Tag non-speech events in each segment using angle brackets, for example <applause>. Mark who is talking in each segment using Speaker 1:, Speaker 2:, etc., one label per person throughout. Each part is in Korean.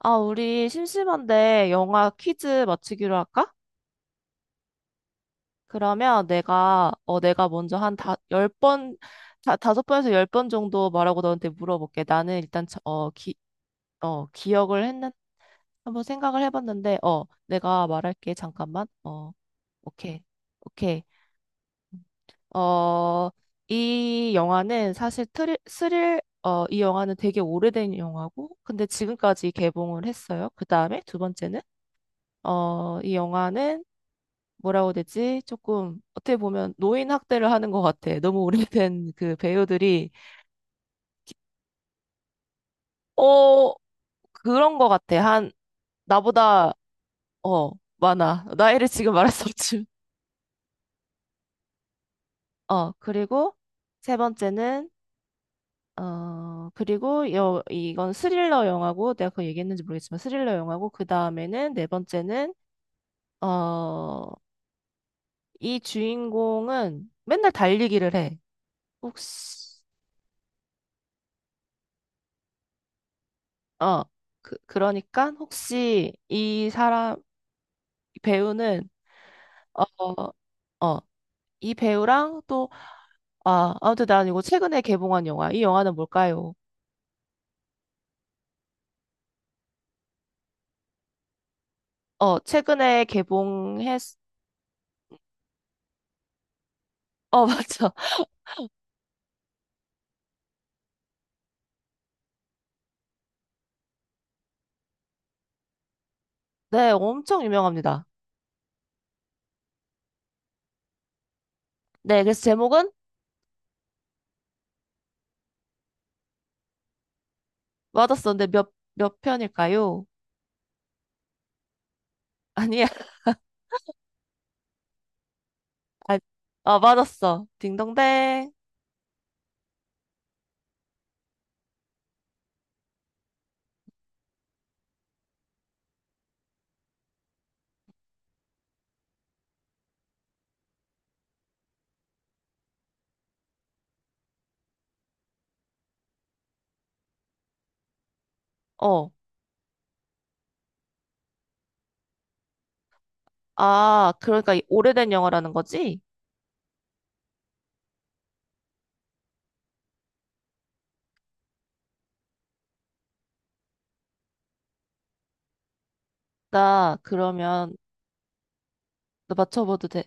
Speaker 1: 아, 우리 심심한데 영화 퀴즈 맞추기로 할까? 그러면 내가, 내가 먼저 한 다, 열 번, 다, 다섯 번에서 열 번 정도 말하고 너한테 물어볼게. 나는 일단, 저- 어, 기, 어, 기억을 했는, 한번 생각을 해봤는데, 내가 말할게. 잠깐만. 어, 오케이. 오케이. 어, 이 영화는 사실 이 영화는 되게 오래된 영화고, 근데 지금까지 개봉을 했어요. 그 다음에 두 번째는, 이 영화는 뭐라고 해야 되지? 조금 어떻게 보면 노인 학대를 하는 것 같아. 너무 오래된 그 배우들이 어 그런 것 같아. 한 나보다 어 많아. 나이를 지금 말할 수 없지. <laughs> 그리고 세 번째는 그리고 여 이건 스릴러 영화고 내가 그거 얘기했는지 모르겠지만 스릴러 영화고 그 다음에는 네 번째는 어 이 주인공은 맨날 달리기를 해. 혹시 어 그러니까 혹시 이 사람 이 배우는 어, 어, 어, 이 배우랑 또 아무튼 난 이거 최근에 개봉한 영화. 이 영화는 뭘까요? 어, 최근에 개봉했 어, <laughs> 맞죠. 네, 엄청 유명합니다. 네, 그래서 제목은 맞았어. 근데 몇 편일까요? 아니야. <laughs> 아, 맞았어. 딩동댕. 어. 아, 그러니까 이 오래된 영화라는 거지? 나 그러면 나 맞춰봐도 돼.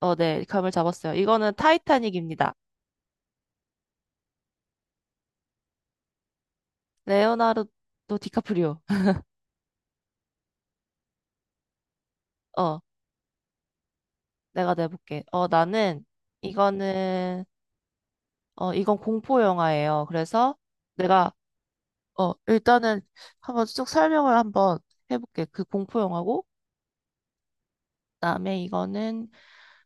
Speaker 1: 어, 네. 감을 잡았어요. 이거는 타이타닉입니다. 레오나르도 디카프리오. <laughs> 어. 내가 내볼게. 나는 이거는 이건 공포 영화예요. 그래서 내가 일단은 한번 쭉 설명을 한번 해볼게. 그 공포 영화고 그다음에 이거는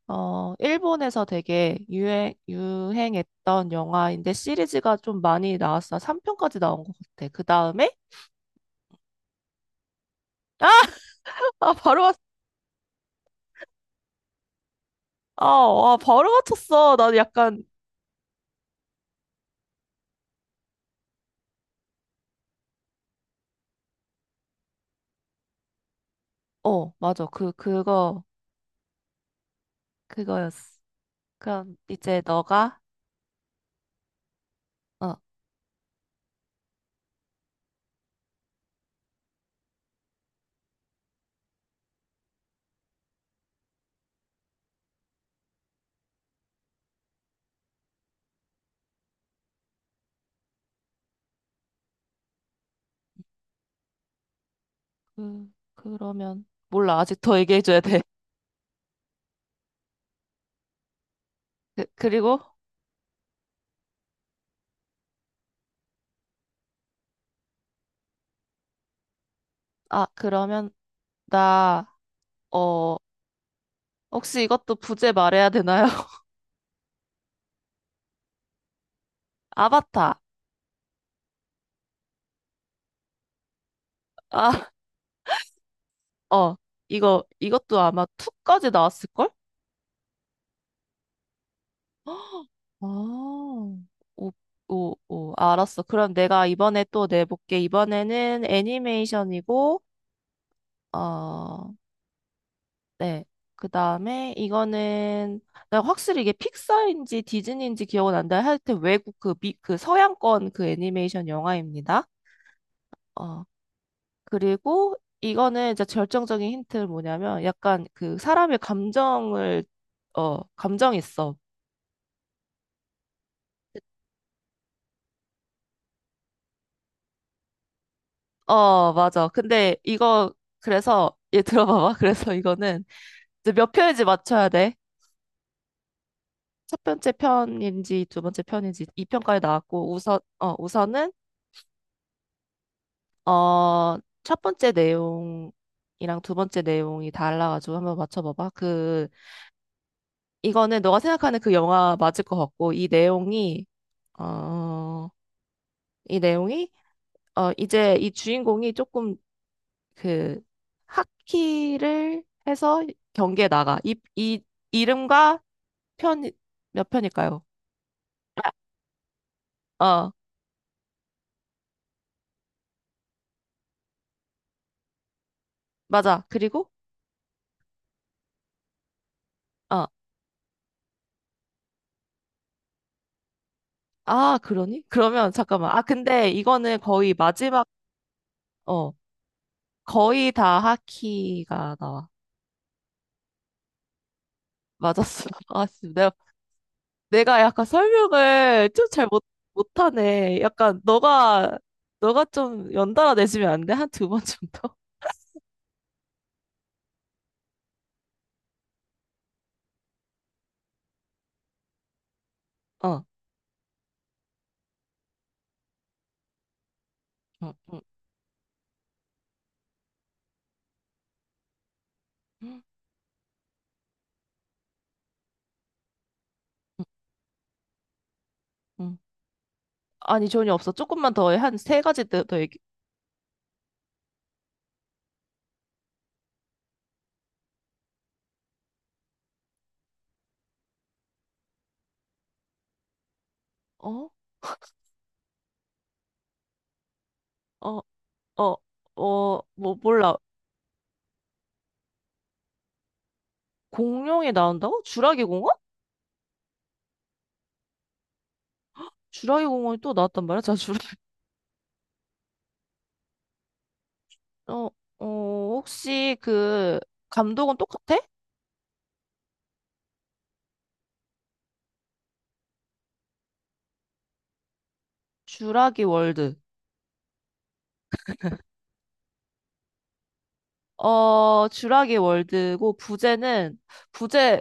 Speaker 1: 일본에서 되게 유행했던 영화인데 시리즈가 좀 많이 나왔어. 3편까지 나온 것 같아. 그다음에 아, 아 바로 맞, 아, 바로 맞췄어. 난 약간 어, 맞아. 그 그거였어. 그럼 이제 너가 어 그러면, 몰라. 아직 더 얘기해줘야 돼. 그, 그리고, 그러면, 나, 어, 혹시 이것도 부제 말해야 되나요? <laughs> 아바타. 아, 어, 이것도 아마 2까지 나왔을걸? 아, 오, 오, 알았어. 그럼 내가 이번에 또 내볼게. 이번에는 애니메이션이고, 어, 네. 그 다음에 이거는 나 확실히 이게 픽사인지 디즈니인지 기억은 안 나요. 하여튼 외국 그 서양권 그 애니메이션 영화입니다. 어. 그리고 이거는 이제 결정적인 힌트는 뭐냐면 약간 그 사람의 감정을 어, 감정 있어. 어, 맞아. 근데 이거 그래서 얘 들어봐봐. <laughs> 그래서 이거는 이제 몇 편인지 맞춰야 돼. 첫 번째 편인지 두 번째 편인지 이 편까지 나왔고 우선 우선은 어, 첫 번째 내용이랑 두 번째 내용이 달라가지고 한번 맞춰봐봐. 그, 이거는 너가 생각하는 그 영화 맞을 것 같고, 어, 이 내용이, 이제 이 주인공이 조금 그, 하키를 해서 경기에 나가. 이름과 편, 몇 편일까요? 어, 맞아. 그리고, 어, 아, 그러니? 그러면 잠깐만. 아, 근데 이거는 거의 마지막, 어 거의 다 하키가 나와. 맞았어. <laughs> 내가 약간 설명을 좀 잘 못, 못하네. 약간 너가, 너가 좀 연달아 내주면 안 돼? 한 두 번 정도? <laughs> 어. 응, 응, 응, 응. 응. 아니, 전혀 없어. 조금만 더, 한 세 가지 더, 더 얘기. 어? 어, 어, 뭐, 몰라. 공룡이 나온다고? 주라기 공원? 주라기 공원이 또 나왔단 말이야? 자, 주라기. <laughs> 어, 어, 혹시 그, 감독은 똑같아? 주라기 월드. 어, 주라기 월드고 부제는 부제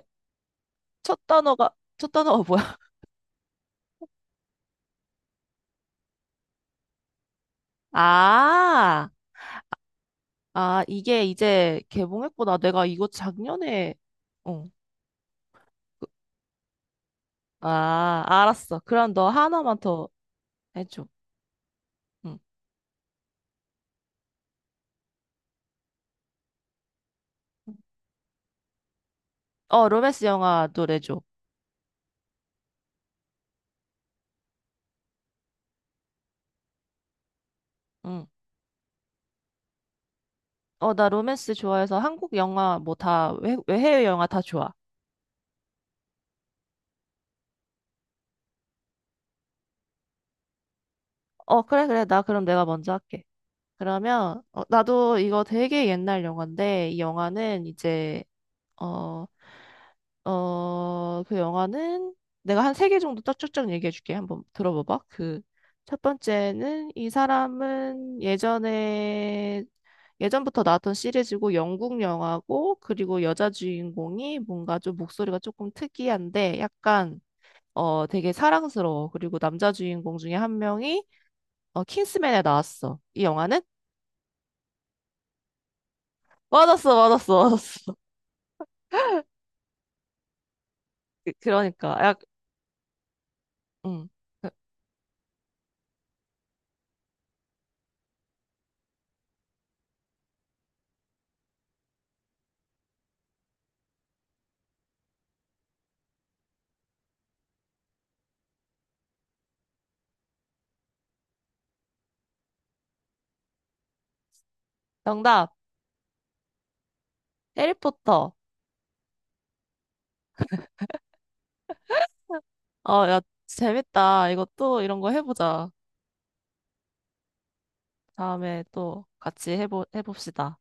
Speaker 1: 첫 단어가 첫 단어가 뭐야? <laughs> 아, 아 이게 이제 개봉했구나. 내가 이거 작년에 어, 그- 아, 알았어. 그럼 너 하나만 더 해줘. 응. 어, 로맨스 영화 노래줘. 응. 어, 나 로맨스 좋아해서 한국 영화 뭐 다, 외, 해외 영화 다 좋아. 어, 그래, 그래. 나 그럼 내가 먼저 할게. 그러면, 나도 이거 되게 옛날 영화인데, 이 영화는 이제 어, 그 영화는 내가 한 세 개 정도 딱 쭉쭉 얘기해 줄게. 한번 들어봐봐. 그 첫 번째는 이 사람은 예전에 예전부터 나왔던 시리즈고 영국 영화고 그리고 여자 주인공이 뭔가 좀 목소리가 조금 특이한데 약간 되게 사랑스러워. 그리고 남자 주인공 중에 한 명이 킹스맨에 나왔어. 이 영화는 맞았어, 맞았어, 맞았어. <laughs> 그러니까 약 음. 정답 해리포터. 어, 야, 재밌다. 이거 또 이런 거 해보자. 다음에 또 같이 해봅시다.